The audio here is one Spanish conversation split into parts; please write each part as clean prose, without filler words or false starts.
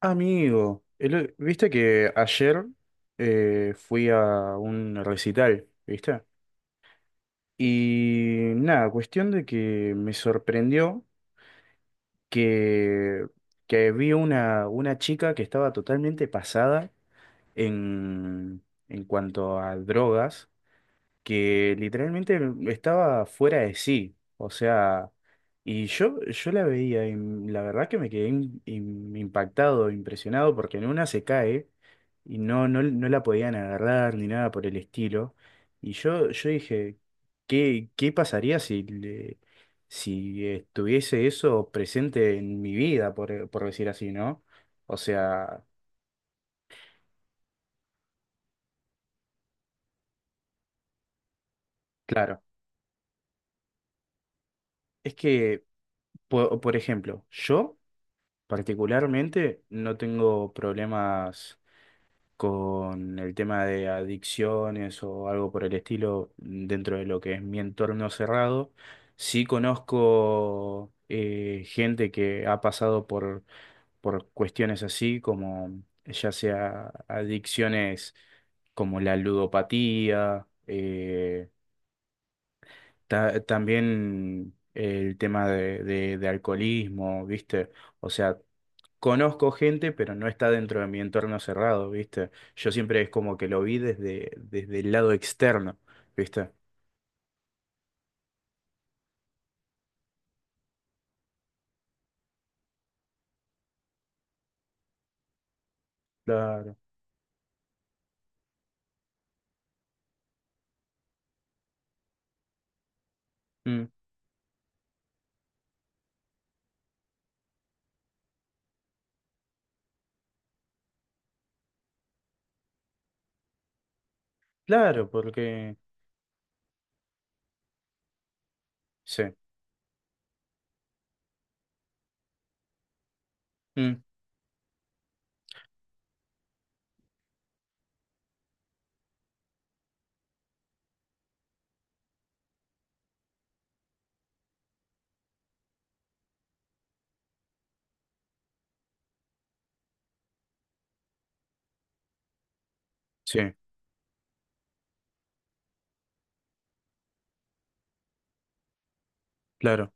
Amigo, viste que ayer fui a un recital, ¿viste? Y nada, cuestión de que me sorprendió que, que vi una chica que estaba totalmente pasada en cuanto a drogas. Que literalmente estaba fuera de sí. O sea, y yo la veía y la verdad que me quedé impactado, impresionado, porque en una se cae y no la podían agarrar ni nada por el estilo. Y yo dije, ¿qué pasaría si estuviese eso presente en mi vida, por decir así, ¿no? O sea, claro, es que, por ejemplo, yo... Particularmente no tengo problemas con el tema de adicciones o algo por el estilo dentro de lo que es mi entorno cerrado. Sí conozco gente que ha pasado por cuestiones así, como ya sea adicciones como la ludopatía, también el tema de alcoholismo, ¿viste? O sea, conozco gente, pero no está dentro de mi entorno cerrado, ¿viste? Yo siempre es como que lo vi desde el lado externo, ¿viste? Claro. Mm, claro, porque... Sí. Mm, sí, claro,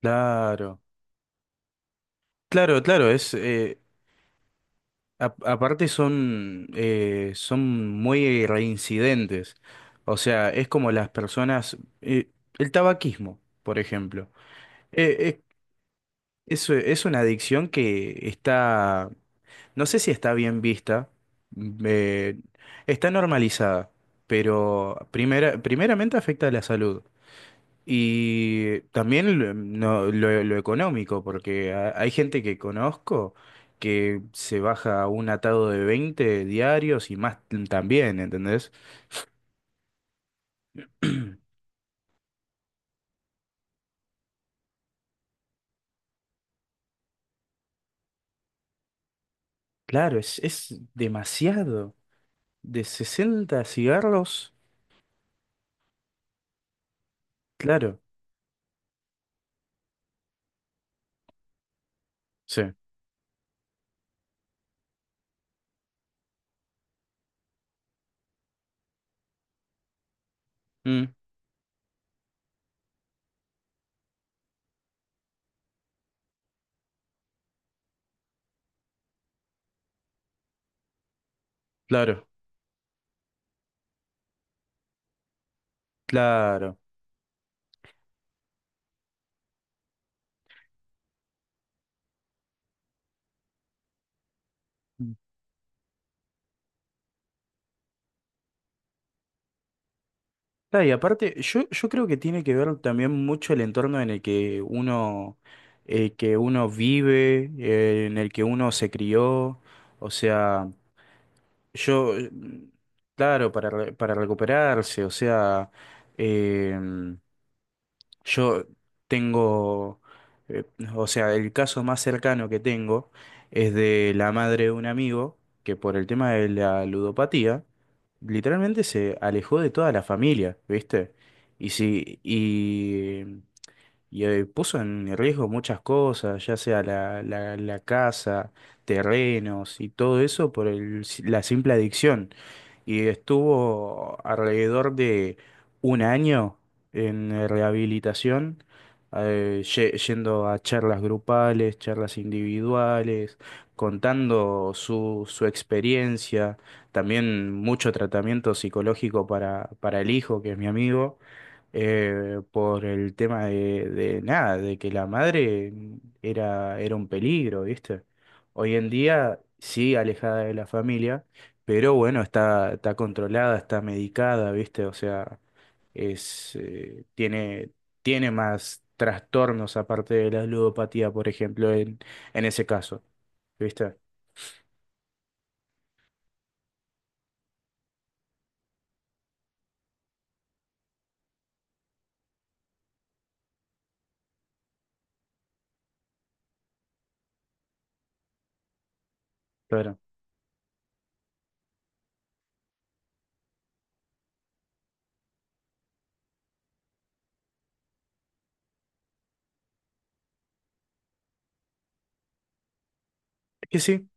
claro. Claro, claro, es... aparte son, son muy reincidentes. O sea, es como las personas... el tabaquismo, por ejemplo. Eh, eh, es una adicción que está... No sé si está bien vista, mm, eh, está normalizada, pero primeramente afecta a la salud y también lo, mm, no- lo económico, porque hay gente que conozco que se baja un atado de 20 diarios y más también, ¿entendés? Claro, es demasiado. De 60 cigarros, claro, sí. Mm, claro, claro. Claro, y aparte, yo creo que tiene que ver también mucho el entorno en el que uno vive, en el que uno se crió. O sea, yo, claro, para recuperarse, o sea, em, yo tengo, eh, o sea, el caso más cercano que tengo es de la madre de un amigo que por el tema de la ludopatía, literalmente se alejó de toda la familia, ¿viste? Y sí, y puso en riesgo muchas cosas, ya sea la casa, terrenos y todo eso por la simple adicción y estuvo alrededor de un año en rehabilitación, yendo a charlas grupales, charlas individuales, contando su experiencia, también mucho tratamiento psicológico para el hijo, que es mi amigo por el tema de nada, de que la madre era un peligro, ¿viste? Hoy en día, sí, alejada de la familia, pero bueno, está controlada, está medicada, ¿viste? O sea, es, eh, tiene, tiene más trastornos aparte de la ludopatía, por ejemplo, en ese caso. ¿Viste? Claro. Es que sí,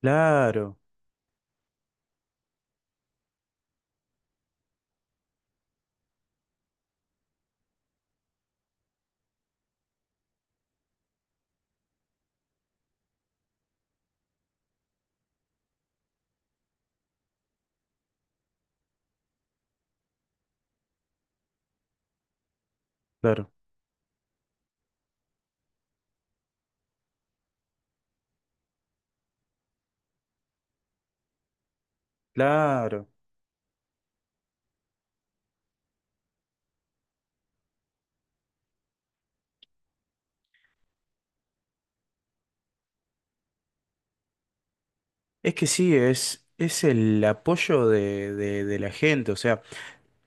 claro, claro, claro. Es que sí, es el apoyo de la gente. O sea,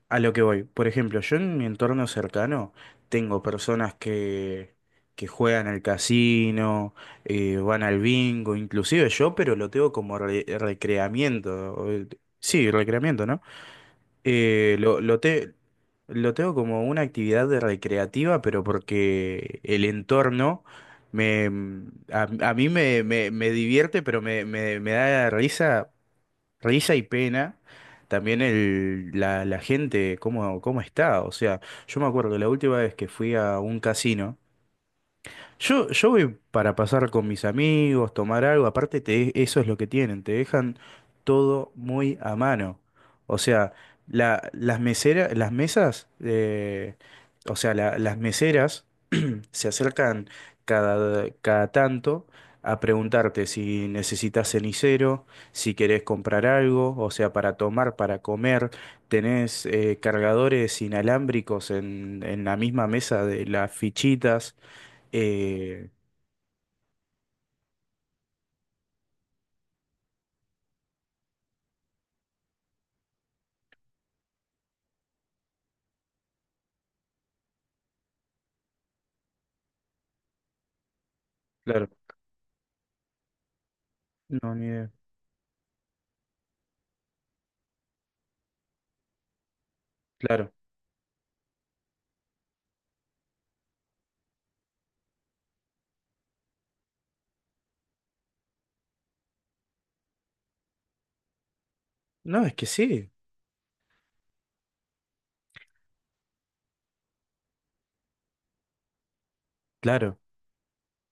a lo que voy, por ejemplo, yo en mi entorno cercano tengo personas que juegan al casino, van al bingo, inclusive yo, pero lo tengo como recreamiento. Sí, recreamiento, ¿no? Eh, lo, lo, te- lo tengo como una actividad de recreativa, pero porque el entorno me, a mí me divierte, pero me da risa. Risa y pena. También la gente, cómo está. O sea, yo me acuerdo la última vez que fui a un casino. Yo voy para pasar con mis amigos, tomar algo. Aparte, eso es lo que tienen. Te dejan todo muy a mano. O sea, las meseras, las mesas, o sea, las meseras se acercan cada tanto a preguntarte si necesitas cenicero, si querés comprar algo, o sea, para tomar, para comer. Tenés cargadores inalámbricos en la misma mesa de las fichitas. Eh, claro, no, ni idea. Claro. No, es que sí, claro.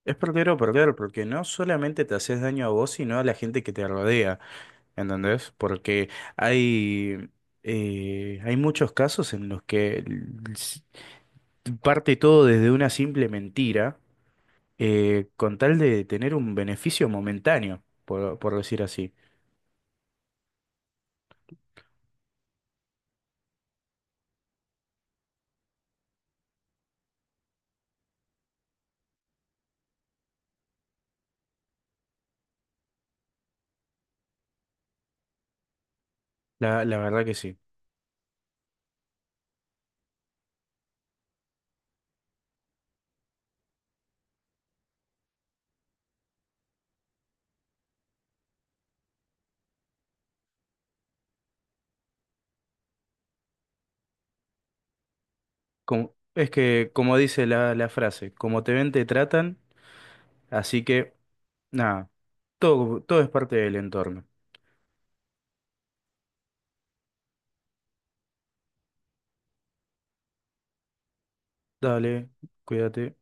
Es perder o perder, porque no solamente te haces daño a vos, sino a la gente que te rodea. ¿Entendés? Porque hay, hay muchos casos en los que s- parte todo desde una simple mentira, con tal de tener un beneficio momentáneo, por decir así. La verdad que sí. Es que, como dice la frase, como te ven, te tratan, así que, nada, todo es parte del entorno. Dale, cuídate.